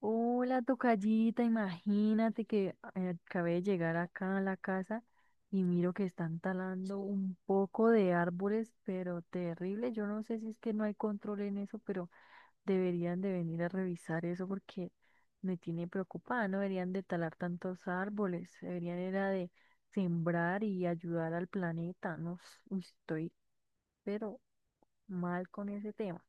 Hola, tocallita, imagínate que acabé de llegar acá a la casa y miro que están talando un poco de árboles, pero terrible. Yo no sé si es que no hay control en eso, pero deberían de venir a revisar eso porque me tiene preocupada. No deberían de talar tantos árboles, deberían era de sembrar y ayudar al planeta. No, s- uy, estoy pero mal con ese tema.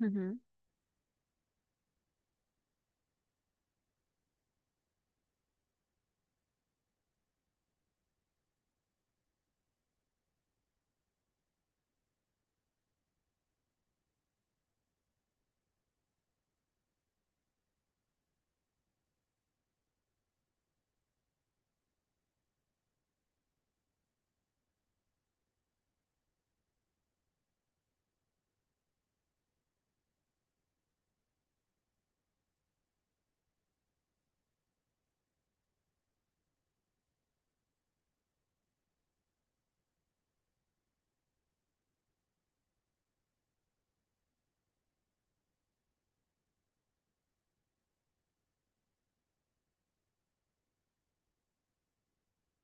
Ujú.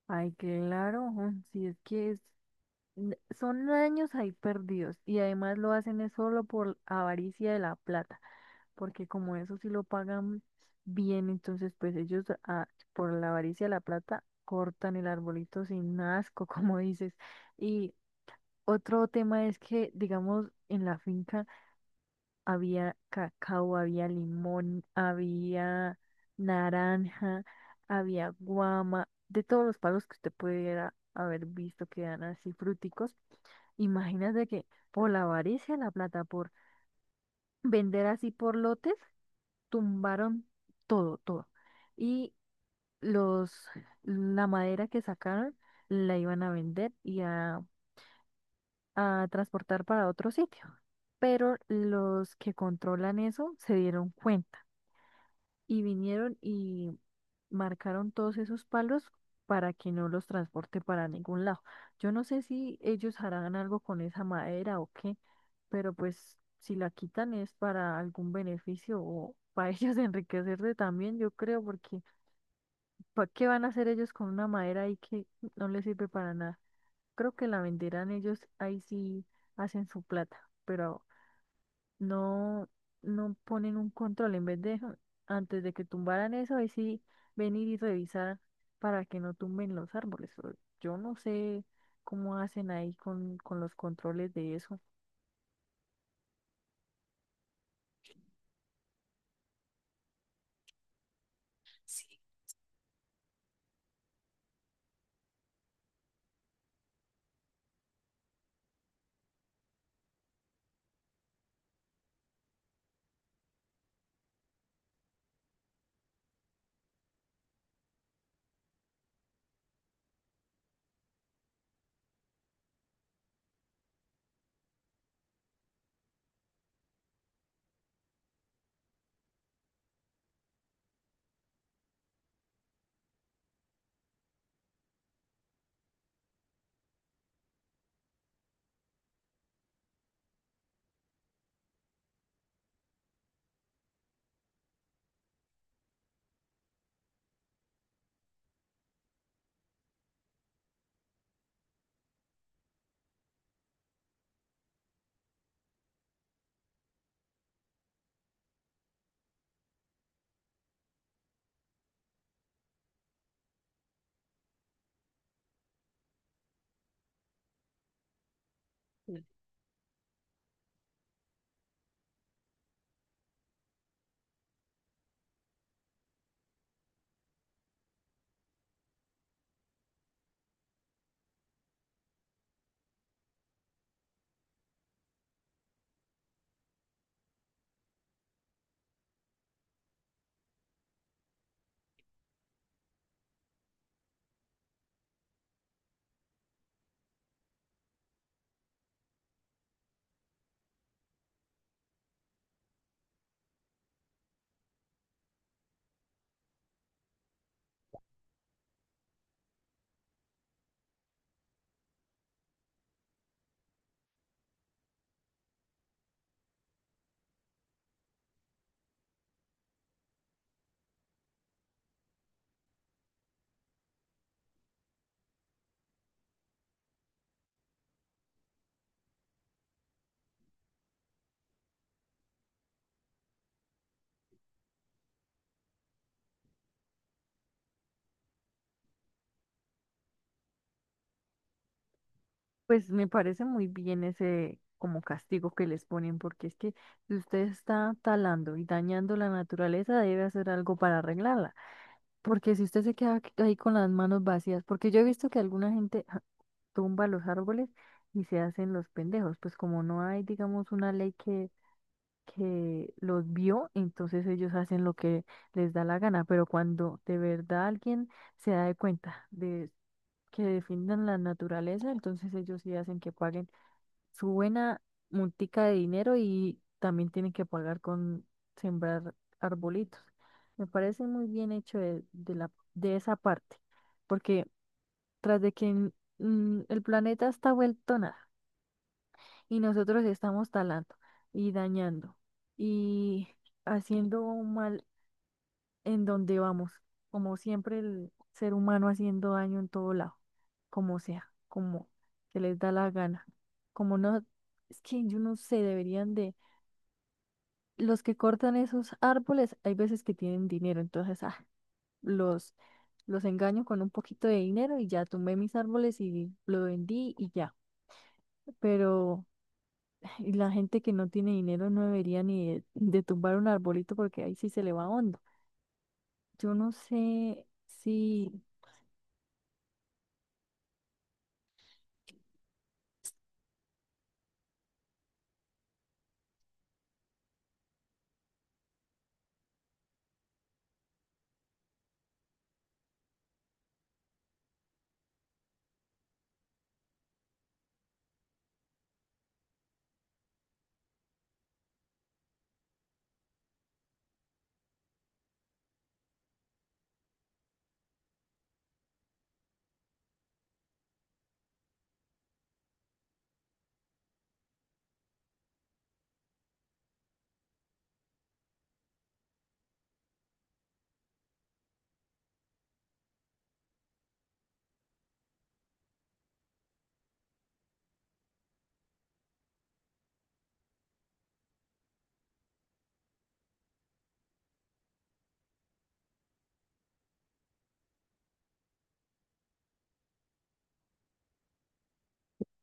Ay, claro, ujú, si es que son años ahí perdidos y además lo hacen es solo por avaricia de la plata, porque como eso sí lo pagan bien, entonces pues ellos, por la avaricia de la plata cortan el arbolito sin asco, como dices. Y otro tema es que, digamos, en la finca había cacao, había limón, había naranja, había guama, de todos los palos que usted pudiera haber visto que eran así fruticos. Imagínate que por la avaricia, de la plata, por vender así por lotes, tumbaron todo, todo. Y los, la madera que sacaron la iban a vender a transportar para otro sitio. Pero los que controlan eso se dieron cuenta y vinieron y marcaron todos esos palos para que no los transporte para ningún lado. Yo no sé si ellos harán algo con esa madera o qué, pero pues si la quitan es para algún beneficio o para ellos enriquecerse también, yo creo, porque ¿para qué van a hacer ellos con una madera ahí que no les sirve para nada? Creo que la venderán ellos, ahí sí hacen su plata, pero no, no ponen un control en vez de antes de que tumbaran eso, ahí sí venir y revisar para que no tumben los árboles. Pero yo no sé cómo hacen ahí con los controles de eso. Sí. Pues me parece muy bien ese como castigo que les ponen, porque es que si usted está talando y dañando la naturaleza, debe hacer algo para arreglarla. Porque si usted se queda ahí con las manos vacías, porque yo he visto que alguna gente ja, tumba los árboles y se hacen los pendejos, pues como no hay, digamos, una que los vio, entonces ellos hacen lo que les da la gana, pero cuando de verdad alguien se da de cuenta de que defiendan la naturaleza, entonces ellos sí hacen que paguen su buena multica de dinero y también tienen que pagar con sembrar arbolitos. Me parece muy bien hecho de esa parte, porque tras de que el planeta está vuelto nada y nosotros estamos talando y dañando y haciendo un mal en donde vamos. Como siempre, el ser humano haciendo daño en todo lado, como sea, como se les da la gana. Como no, es que yo no sé, los que cortan esos árboles, hay veces que tienen dinero, entonces, los, los engaño con un poquito de dinero y ya tumbé mis árboles y lo vendí y ya. Pero y la gente que no tiene dinero no debería ni de tumbar un arbolito porque ahí sí se le va hondo. Yo no sé si,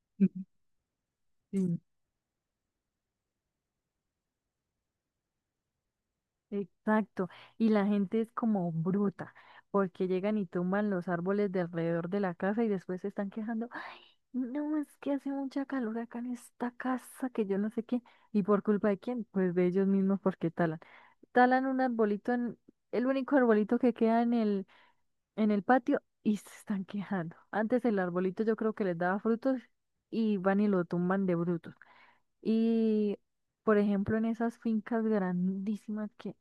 ujú. Sí, exacto, y la gente es como bruta, porque llegan y tumban los árboles de alrededor de la casa y después se están quejando: "Ah, no, es que hace mucha calor acá en esta casa, que yo no sé qué", y por culpa de quién, pues de ellos mismos porque talan. Talan un arbolito el único arbolito que queda en el patio y se están quejando. Antes el arbolito yo creo que les daba frutos y van y lo tumban de brutos. Y por ejemplo, en esas fincas grandísimas que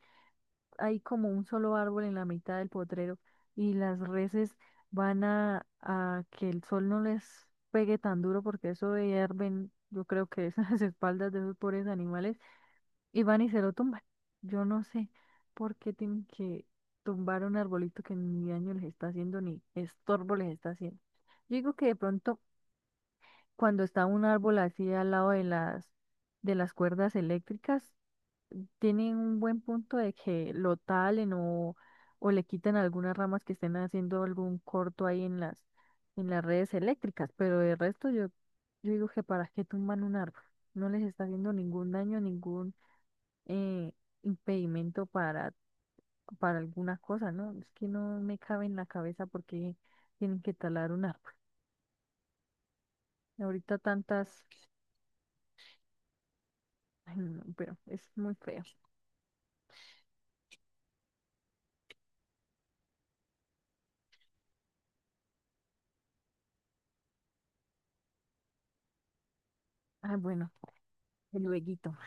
hay como un solo árbol en la mitad del potrero y las reses a que el sol no les pegue tan duro porque eso hierven, yo creo que es las espaldas de esos pobres animales y van y se lo tumban. Yo no sé por qué tienen que tumbar un arbolito que ni daño les está haciendo ni estorbo les está haciendo. Yo digo que de pronto cuando está un árbol así al lado de las cuerdas eléctricas tienen un buen punto de que lo talen o le quitan algunas ramas que estén haciendo algún corto ahí en en las redes eléctricas, pero de resto yo digo que para qué tumban un árbol, no les está haciendo ningún daño, ningún eh, impedimento para alguna cosa, ¿no? Es que no me cabe en la cabeza porque tienen que talar un árbol. Ahorita tantas, ay, no, no, pero es muy feo. Ah, bueno, el lueguito.